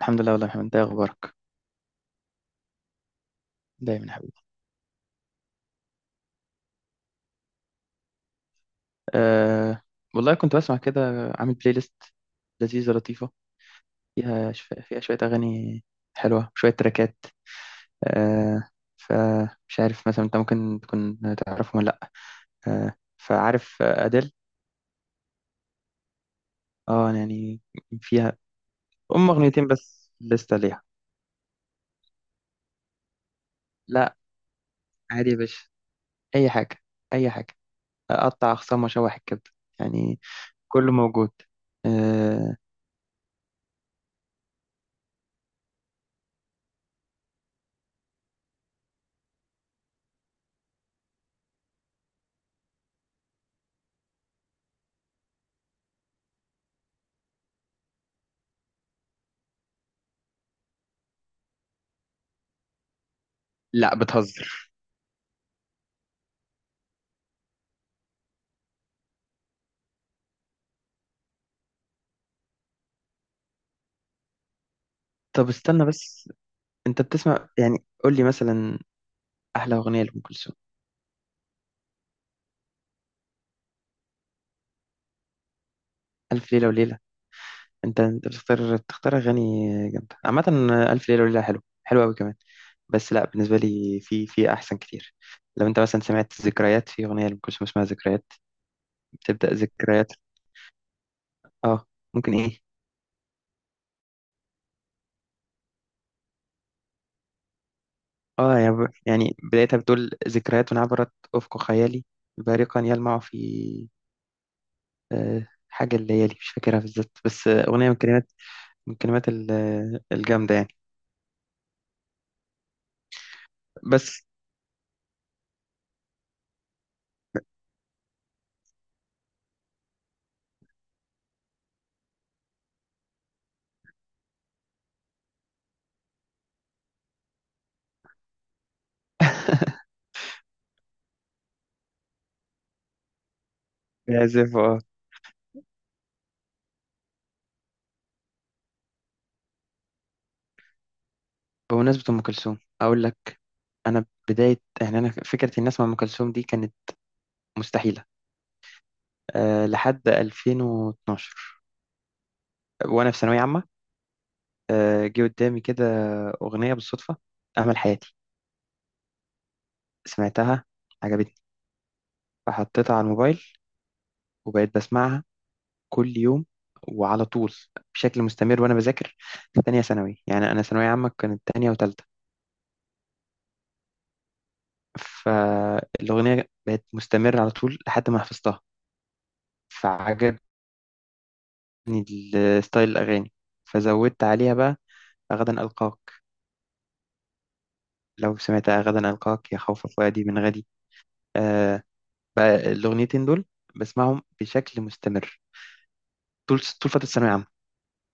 الحمد لله والله يا محمد، انت ايه اخبارك؟ دايما يا حبيبي. أه. والله كنت بسمع كده. عامل بلاي ليست لذيذه لطيفه، فيها فيها شويه اغاني حلوه، شويه تراكات. أه فمش عارف مثلا، انت ممكن تكون تعرفهم ولا لا؟ فعارف اديل. اه أنا يعني فيها اغنيتين بس لسه ليها. لا عادي يا باشا، اي حاجه، اي حاجه. اقطع اخصام واشوح الكبد، يعني كله موجود. أه لا، بتهزر. طب استنى بس، انت بتسمع يعني؟ قول لي مثلا احلى اغنيه لام كلثوم. الف ليله وليله. انت بتختار اغاني جامده عامه. الف ليله وليله حلو حلو قوي كمان. بس لا، بالنسبه لي في احسن كتير. لو انت مثلا سمعت ذكريات، في اغنيه لام كلثوم اسمها ذكريات، بتبدا ذكريات. اه. ممكن ايه. اه يعني يعني بدايتها بتقول ذكريات عبرت افق خيالي، بارقا يلمع في حاجه الليالي، مش فاكرها بالظبط، بس اغنيه من كلمات، من كلمات الجامده يعني. بس بيعزف، اه. بمناسبة أم كلثوم أقول لك، أنا بداية يعني أنا فكرة الناس مع أم كلثوم دي كانت مستحيلة. لحد 2012 وأنا في ثانوية عامة. جه قدامي كده أغنية بالصدفة، أمل حياتي. سمعتها، عجبتني، فحطيتها على الموبايل، وبقيت بسمعها كل يوم وعلى طول، بشكل مستمر، وأنا بذاكر في تانية ثانوي. يعني أنا ثانوية عامة كانت تانية وتالتة. فالأغنية بقت مستمرة على طول لحد ما حفظتها، فعجبني ستايل الأغاني، فزودت عليها بقى غدا ألقاك. لو سمعتها غدا ألقاك يا خوف فؤادي من غدي. آه. بقى الأغنيتين دول بسمعهم بشكل مستمر طول طول فترة الثانوية العامة.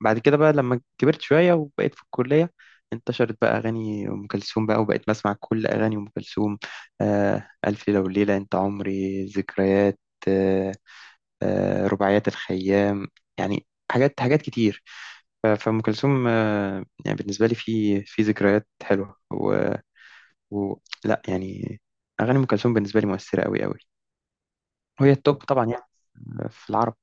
بعد كده بقى لما كبرت شوية وبقيت في الكلية، انتشرت بقى أغاني أم كلثوم بقى، وبقيت بسمع كل أغاني أم كلثوم. ألف ليلة وليلة، أنت عمري، ذكريات، آه رباعيات الخيام، يعني حاجات حاجات كتير. فأم كلثوم، يعني بالنسبة لي في ذكريات حلوة. و... و... لا يعني أغاني أم كلثوم بالنسبة لي مؤثرة أوي أوي، وهي التوب طبعا يعني في العرب.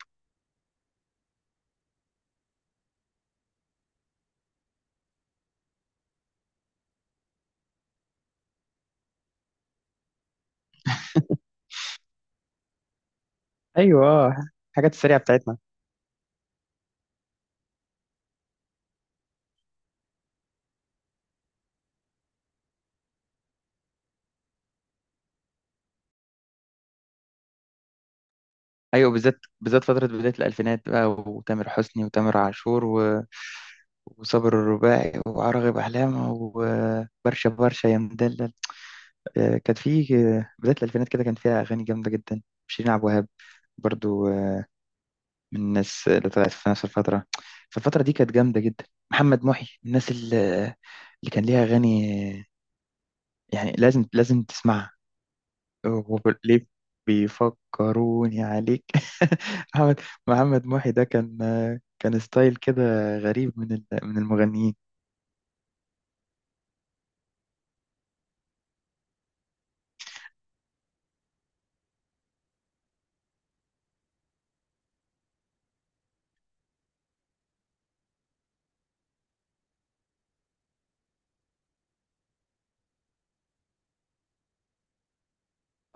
أيوة، الحاجات السريعة بتاعتنا. أيوة، بالذات بالذات فترة بداية الألفينات بقى، وتامر حسني وتامر عاشور و... وصابر الرباعي وعراغب أحلام، وبرشا برشا يا مدلل. كانت في بداية الألفينات كده كان فيها أغاني جامدة جدا. شيرين عبد الوهاب برضو من الناس اللي طلعت في نفس الفترة، فالفترة دي كانت جامدة جدا. محمد محي من اللي كان ليها أغاني يعني لازم لازم تسمعها، وليه بيفكروني عليك. محمد محمد محي ده كان، كان ستايل كده غريب من من المغنيين.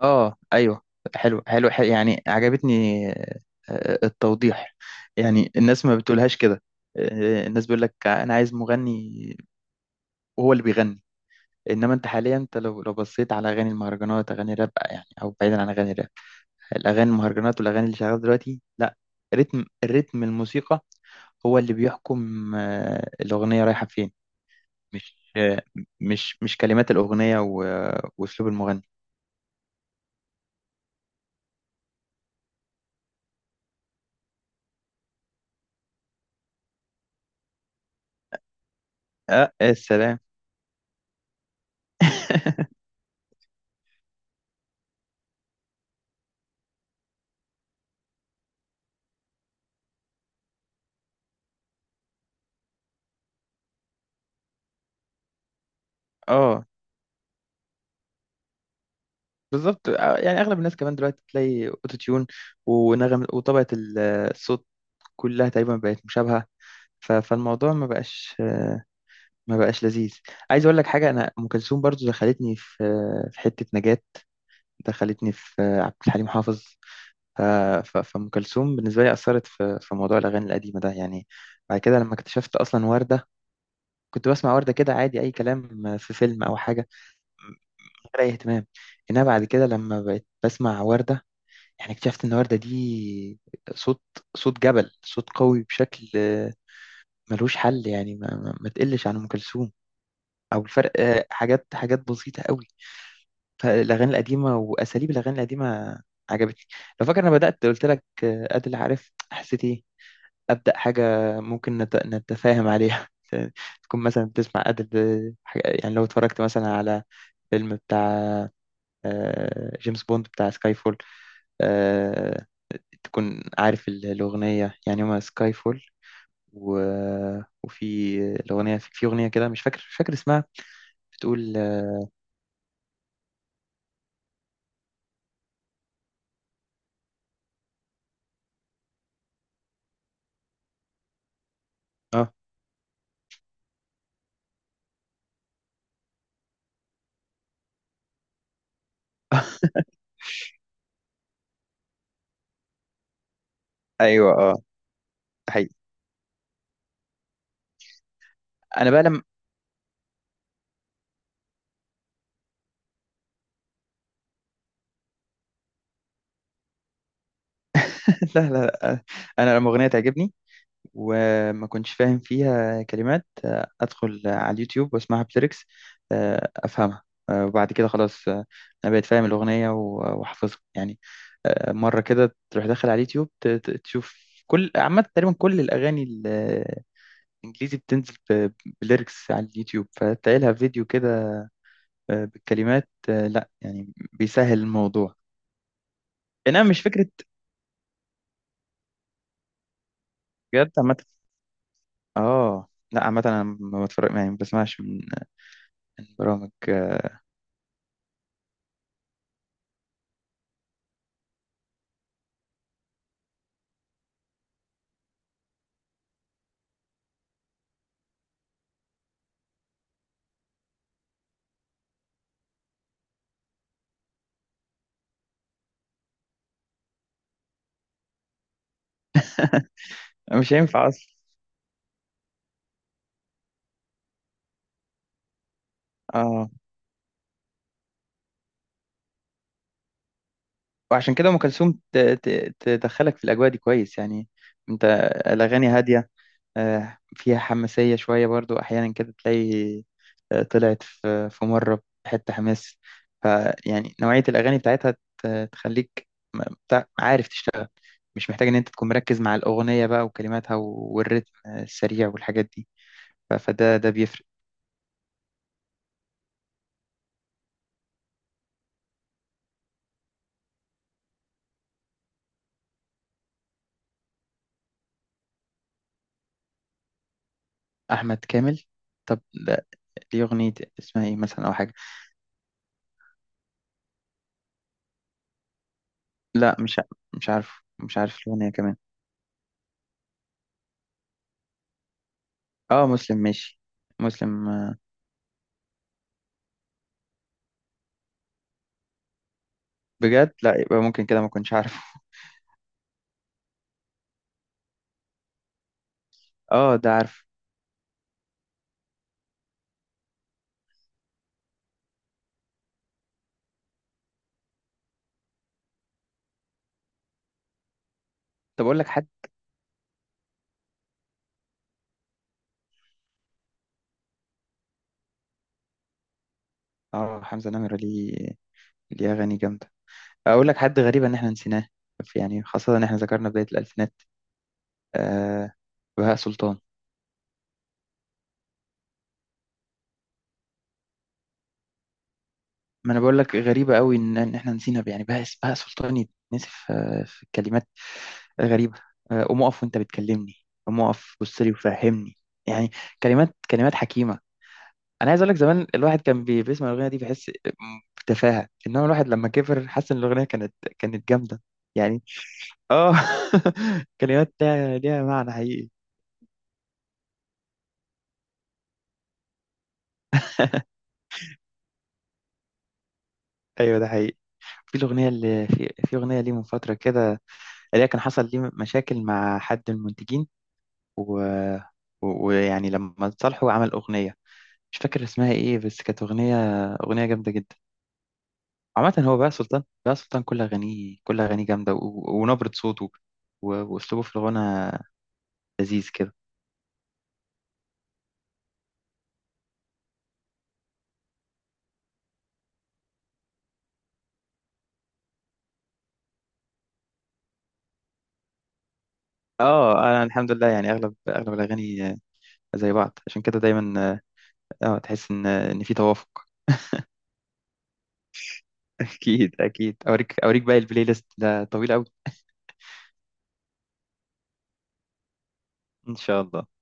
اه ايوه، حلو حلو، حلو يعني. عجبتني التوضيح، يعني الناس ما بتقولهاش كده. الناس بيقول لك انا عايز مغني وهو اللي بيغني، انما انت حاليا، انت لو بصيت على اغاني المهرجانات، اغاني الراب يعني، او بعيدا عن اغاني الراب، الاغاني المهرجانات والاغاني اللي شغاله دلوقتي، لا، رتم، الموسيقى هو اللي بيحكم الاغنيه رايحه فين. مش آه، مش كلمات الاغنيه واسلوب المغني. اه السلام. اه بالظبط. يعني اغلب الناس كمان دلوقتي تلاقي اوتو تيون ونغم وطبقه الصوت كلها تقريبا بقت مشابهه. فالموضوع ما بقاش، ما بقاش لذيذ. عايز اقول لك حاجه، انا ام كلثوم برضو دخلتني في، في حته نجاة، دخلتني في عبد الحليم حافظ. ف- فام كلثوم بالنسبه لي اثرت في موضوع الاغاني القديمه ده يعني. بعد كده لما اكتشفت اصلا ورده، كنت بسمع ورده كده عادي، اي كلام في فيلم او حاجه، من غير اي اهتمام. انها بعد كده لما بقيت بسمع ورده يعني اكتشفت ان ورده دي صوت، صوت جبل، صوت قوي بشكل ملوش حل، يعني ما تقلش عن ام كلثوم او الفرق، حاجات حاجات بسيطه قوي. فالاغاني القديمه واساليب الاغاني القديمه عجبتني. لو فاكر انا بدات قلت لك، ادل، عارف حسيت ايه؟ ابدا حاجه ممكن نتفاهم عليها. تكون مثلا بتسمع ادل يعني لو اتفرجت مثلا على فيلم بتاع، جيمس بوند، بتاع سكاي فول، آه، تكون عارف الأغنية يعني، هما سكاي فول، و... وفي الأغنية، في أغنية كده مش فاكر اسمها، بتقول اه. أيوة اه، ده حقيقي. أنا بقى لما، لا، لا، لا. انا لما اغنيه تعجبني وما كنتش فاهم فيها كلمات، ادخل على اليوتيوب واسمعها بليركس، افهمها، وبعد كده خلاص، انا بقيت فاهم الاغنيه واحفظها يعني. مره كده تروح داخل على اليوتيوب تشوف، كل عامه تقريبا كل الاغاني الانجليزي بتنزل بليركس على اليوتيوب، فتلاقي لها فيديو كده بالكلمات، لا يعني بيسهل الموضوع. انما مش فكره بجد عامه. اه لا، عامة انا ما بتفرج، يعني ما بسمعش من، من برامج، مش هينفع اصلا. اه وعشان كده ام كلثوم تدخلك في الاجواء دي كويس يعني. انت الاغاني هادية، فيها حماسية شوية برضو احيانا كده تلاقي، طلعت في مرة حتة حماس. فيعني نوعية الاغاني بتاعتها ت- تخليك عارف تشتغل، مش محتاج ان انت تكون مركز مع الاغنية بقى وكلماتها والريتم السريع والحاجات دي. فده بيفرق. احمد كامل. طب لا، دي اغنية اسمها ايه مثلا او حاجة؟ لا مش مش عارف الاغنية كمان. اه مسلم ماشي. مسلم بجد؟ لا، يبقى ممكن كده، ما كنتش عارفه. اه ده عارف. طب اقول لك حد. اه حمزة نمرة، ليه، ليه اغاني جامدة. اقول لك حد غريب ان احنا نسيناه، يعني خاصة ان احنا ذكرنا بداية الالفينات. آه بهاء سلطان. ما انا بقول لك غريبه قوي ان احنا نسينا، يعني بهاء، سلطان يتنسي في كلمات غريبه. قوم اقف وانت بتكلمني، قوم اقف بص لي وفهمني، يعني كلمات كلمات حكيمه. انا عايز اقول لك زمان الواحد كان بيسمع الاغنيه دي بيحس بتفاهه، انما الواحد لما كبر حس ان الاغنيه كانت، كانت جامده يعني اه. كلمات ليها معنى حقيقي. ايوه ده حقيقي. في الاغنيه اللي في اغنيه ليه من فتره كده، اللي هي كان حصل ليه مشاكل مع حد المنتجين، و- ويعني لما صالحو عمل أغنية مش فاكر اسمها إيه، بس كانت أغنية، جامدة جدا. عامة هو بقى سلطان، كل أغانيه، جامدة، و... ونبرة صوته و... وأسلوبه في الغنى لذيذ كده. اه انا الحمد لله، يعني اغلب الاغاني زي بعض، عشان كده دايما اه. تحس ان في توافق. اكيد اكيد، اوريك باقي البلاي ليست، ده طويل قوي. ان شاء الله.